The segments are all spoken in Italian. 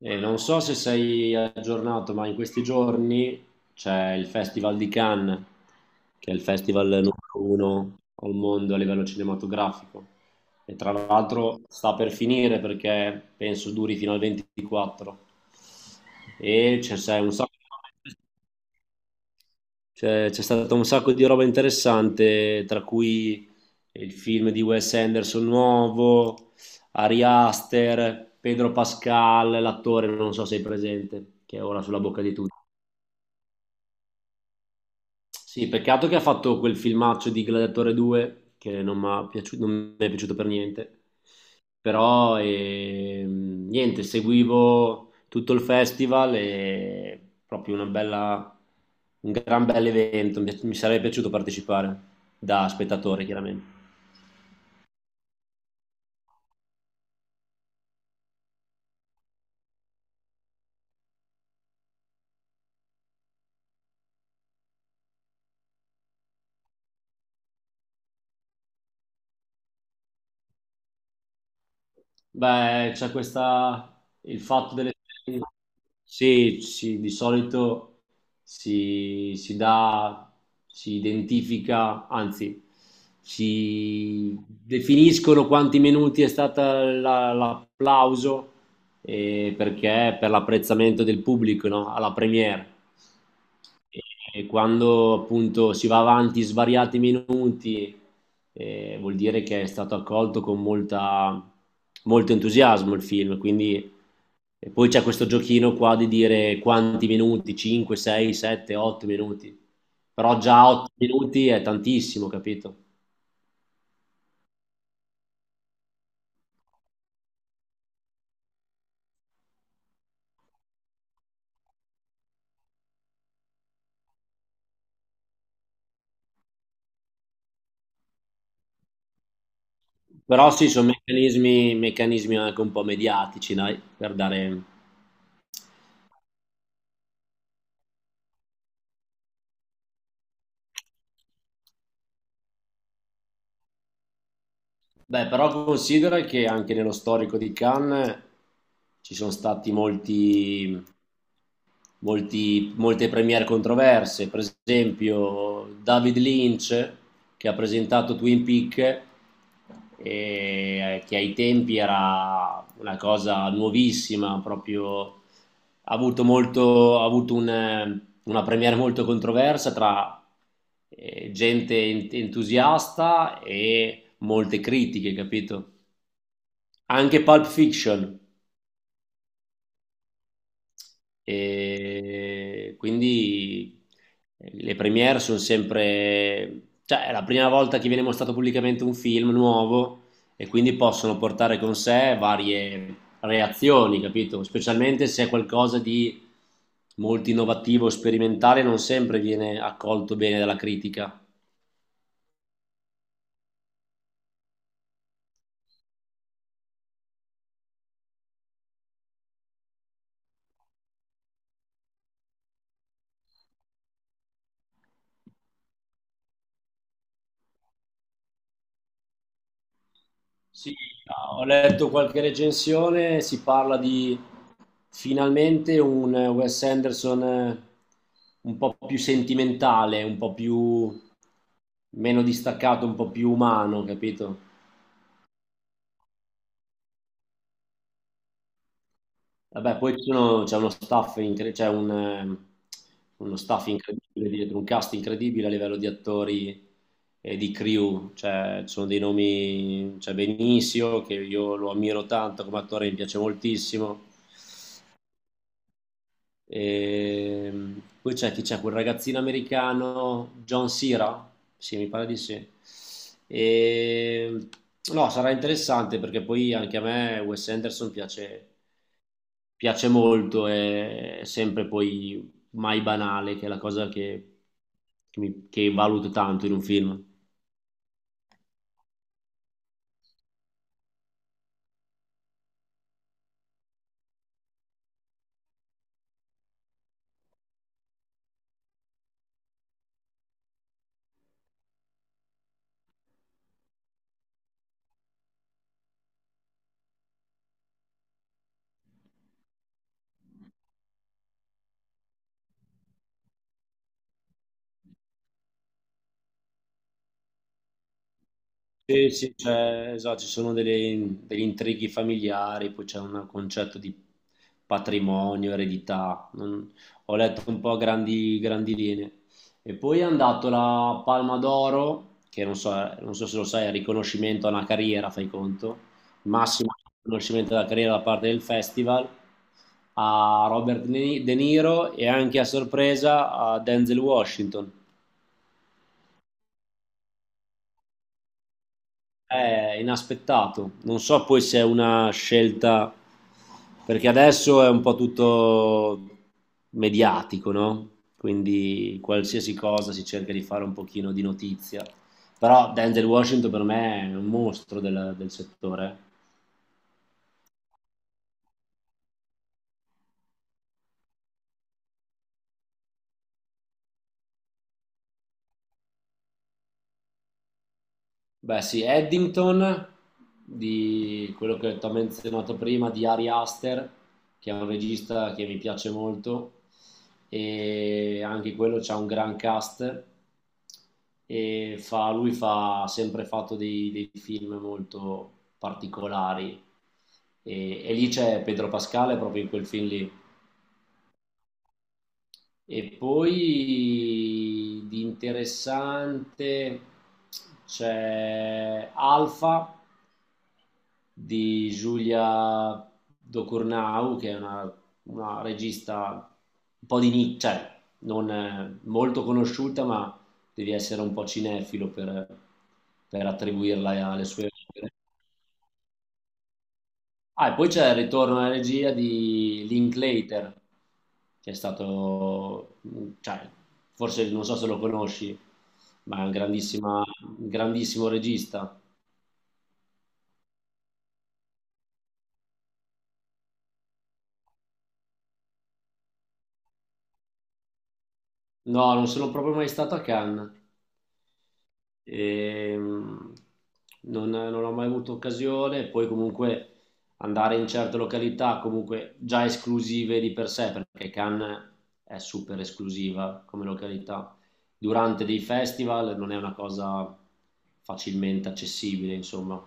E non so se sei aggiornato, ma in questi giorni c'è il Festival di Cannes, che è il festival numero uno al mondo a livello cinematografico. E tra l'altro sta per finire perché penso duri fino al 24. E c'è un sacco di cioè, c'è stato un sacco di roba interessante, tra cui il film di Wes Anderson nuovo, Ari Aster, Pedro Pascal, l'attore, non so se è presente, che è ora sulla bocca di tutti. Sì, peccato che ha fatto quel filmaccio di Gladiatore 2, che non mi è piaciuto non mi è piaciuto per niente. Però niente, seguivo tutto il festival e proprio un gran bel evento, mi sarebbe piaciuto partecipare da spettatore chiaramente. Beh, il fatto delle serie, sì, sì, di solito si dà, si identifica, anzi, si definiscono quanti minuti è stato l'applauso, perché per l'apprezzamento del pubblico, no? Alla premiere. E quando appunto si va avanti svariati minuti, vuol dire che è stato accolto con molta, molto entusiasmo il film. Quindi e poi c'è questo giochino qua di dire quanti minuti, 5, 6, 7, 8 minuti, però già 8 minuti è tantissimo, capito? Però sì, sono meccanismi, meccanismi anche un po' mediatici, dai, per dare... Beh, però considera che anche nello storico di Cannes ci sono stati molti, molte premiere controverse, per esempio David Lynch, che ha presentato Twin Peak, e che ai tempi era una cosa nuovissima, proprio ha avuto molto, ha avuto una premiere molto controversa tra gente entusiasta e molte critiche, capito? Anche Pulp Fiction. E quindi, le premiere sono sempre, cioè è la prima volta che viene mostrato pubblicamente un film nuovo, e quindi possono portare con sé varie reazioni, capito? Specialmente se è qualcosa di molto innovativo, sperimentale, non sempre viene accolto bene dalla critica. Sì, ho letto qualche recensione, si parla di finalmente un Wes Anderson, un po' più sentimentale, un po' più meno distaccato, un po' più umano, capito? Vabbè, poi uno staff incredibile dietro, un cast incredibile a livello di attori e di crew, cioè ci sono dei nomi, c'è Benicio che io lo ammiro tanto come attore, mi piace moltissimo. Poi c'è quel ragazzino americano, John Cera, sì, mi pare di sì. Ehm, no, sarà interessante perché poi anche a me Wes Anderson piace, piace molto, è sempre poi mai banale, che è la cosa che, che valuto tanto in un film. Sì, sì, cioè, esatto, ci sono degli intrighi familiari, poi c'è un concetto di patrimonio, eredità, ho letto un po' a grandi, grandi linee. E poi è andato la Palma d'Oro, che non so, non so se lo sai, è il riconoscimento a una carriera, fai conto, massimo riconoscimento della carriera da parte del festival, a Robert De Niro e anche a sorpresa a Denzel Washington. È inaspettato, non so poi se è una scelta, perché adesso è un po' tutto mediatico, no? Quindi qualsiasi cosa si cerca di fare un pochino di notizia. Però Denzel Washington per me è un mostro del settore. Beh, sì, Eddington, di quello che ti ho menzionato prima, di Ari Aster, che è un regista che mi piace molto, e anche quello c'ha un gran cast, e lui fa, ha sempre fatto dei film molto particolari, e, lì c'è Pedro Pascale proprio in quel film lì. E poi di interessante c'è Alfa di Giulia Docurnau, che è una regista un po' di nicchia, cioè non molto conosciuta, ma devi essere un po' cinefilo per, attribuirla alle sue opere. Ah, e poi c'è il ritorno alla regia di Linklater, che è stato, cioè, forse non so se lo conosci, ma è un grandissimo regista. No, non sono proprio mai stato a Cannes. E non ho mai avuto occasione, poi comunque andare in certe località comunque già esclusive di per sé, perché Cannes è super esclusiva come località, durante dei festival non è una cosa facilmente accessibile, insomma.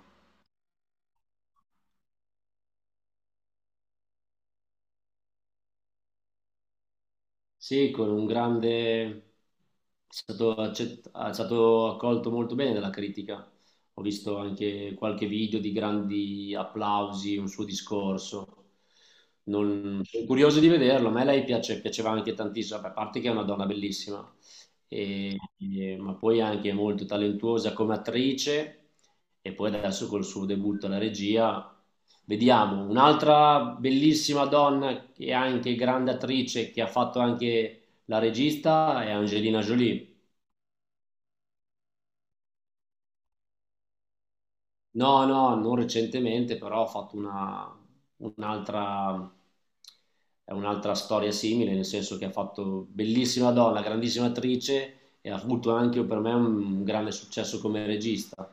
Sì, con un grande... È stato, è stato accolto molto bene dalla critica. Ho visto anche qualche video di grandi applausi, un suo discorso. Sono curioso di vederlo. A me lei piaceva anche tantissimo, a parte che è una donna bellissima ma poi anche molto talentuosa come attrice e poi adesso col suo debutto alla regia. Vediamo, un'altra bellissima donna che è anche grande attrice, che ha fatto anche la regista, è Angelina Jolie. No, no, non recentemente, però ha fatto una, un'altra, è un'altra storia simile, nel senso che ha fatto bellissima donna, grandissima attrice e ha avuto anche per me un grande successo come regista.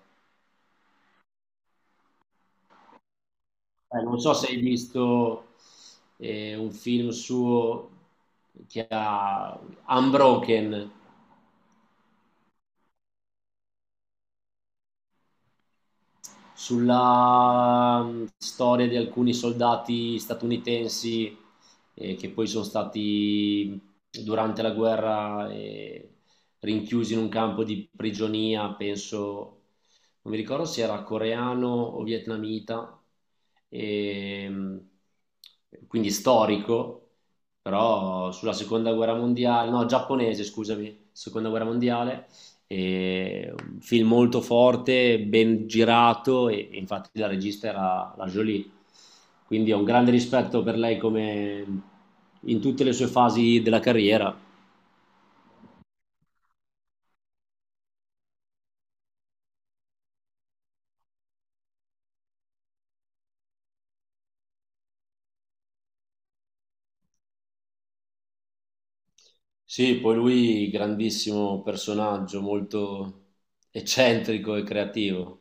Non so se hai visto un film suo che ha Unbroken. Sulla storia di alcuni soldati statunitensi che poi sono stati, durante la guerra, rinchiusi in un campo di prigionia, penso, non mi ricordo se era coreano o vietnamita, e, quindi storico, però sulla seconda guerra mondiale, no, giapponese, scusami, seconda guerra mondiale, e un film molto forte, ben girato, e, infatti la regista era la Jolie. Quindi ho un grande rispetto per lei come in tutte le sue fasi della carriera. Sì, poi lui grandissimo personaggio, molto eccentrico e creativo.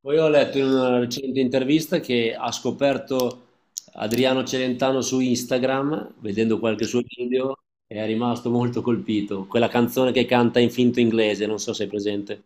Poi ho letto in una recente intervista che ha scoperto Adriano Celentano su Instagram, vedendo qualche suo video, e è rimasto molto colpito. Quella canzone che canta in finto inglese, non so se è presente.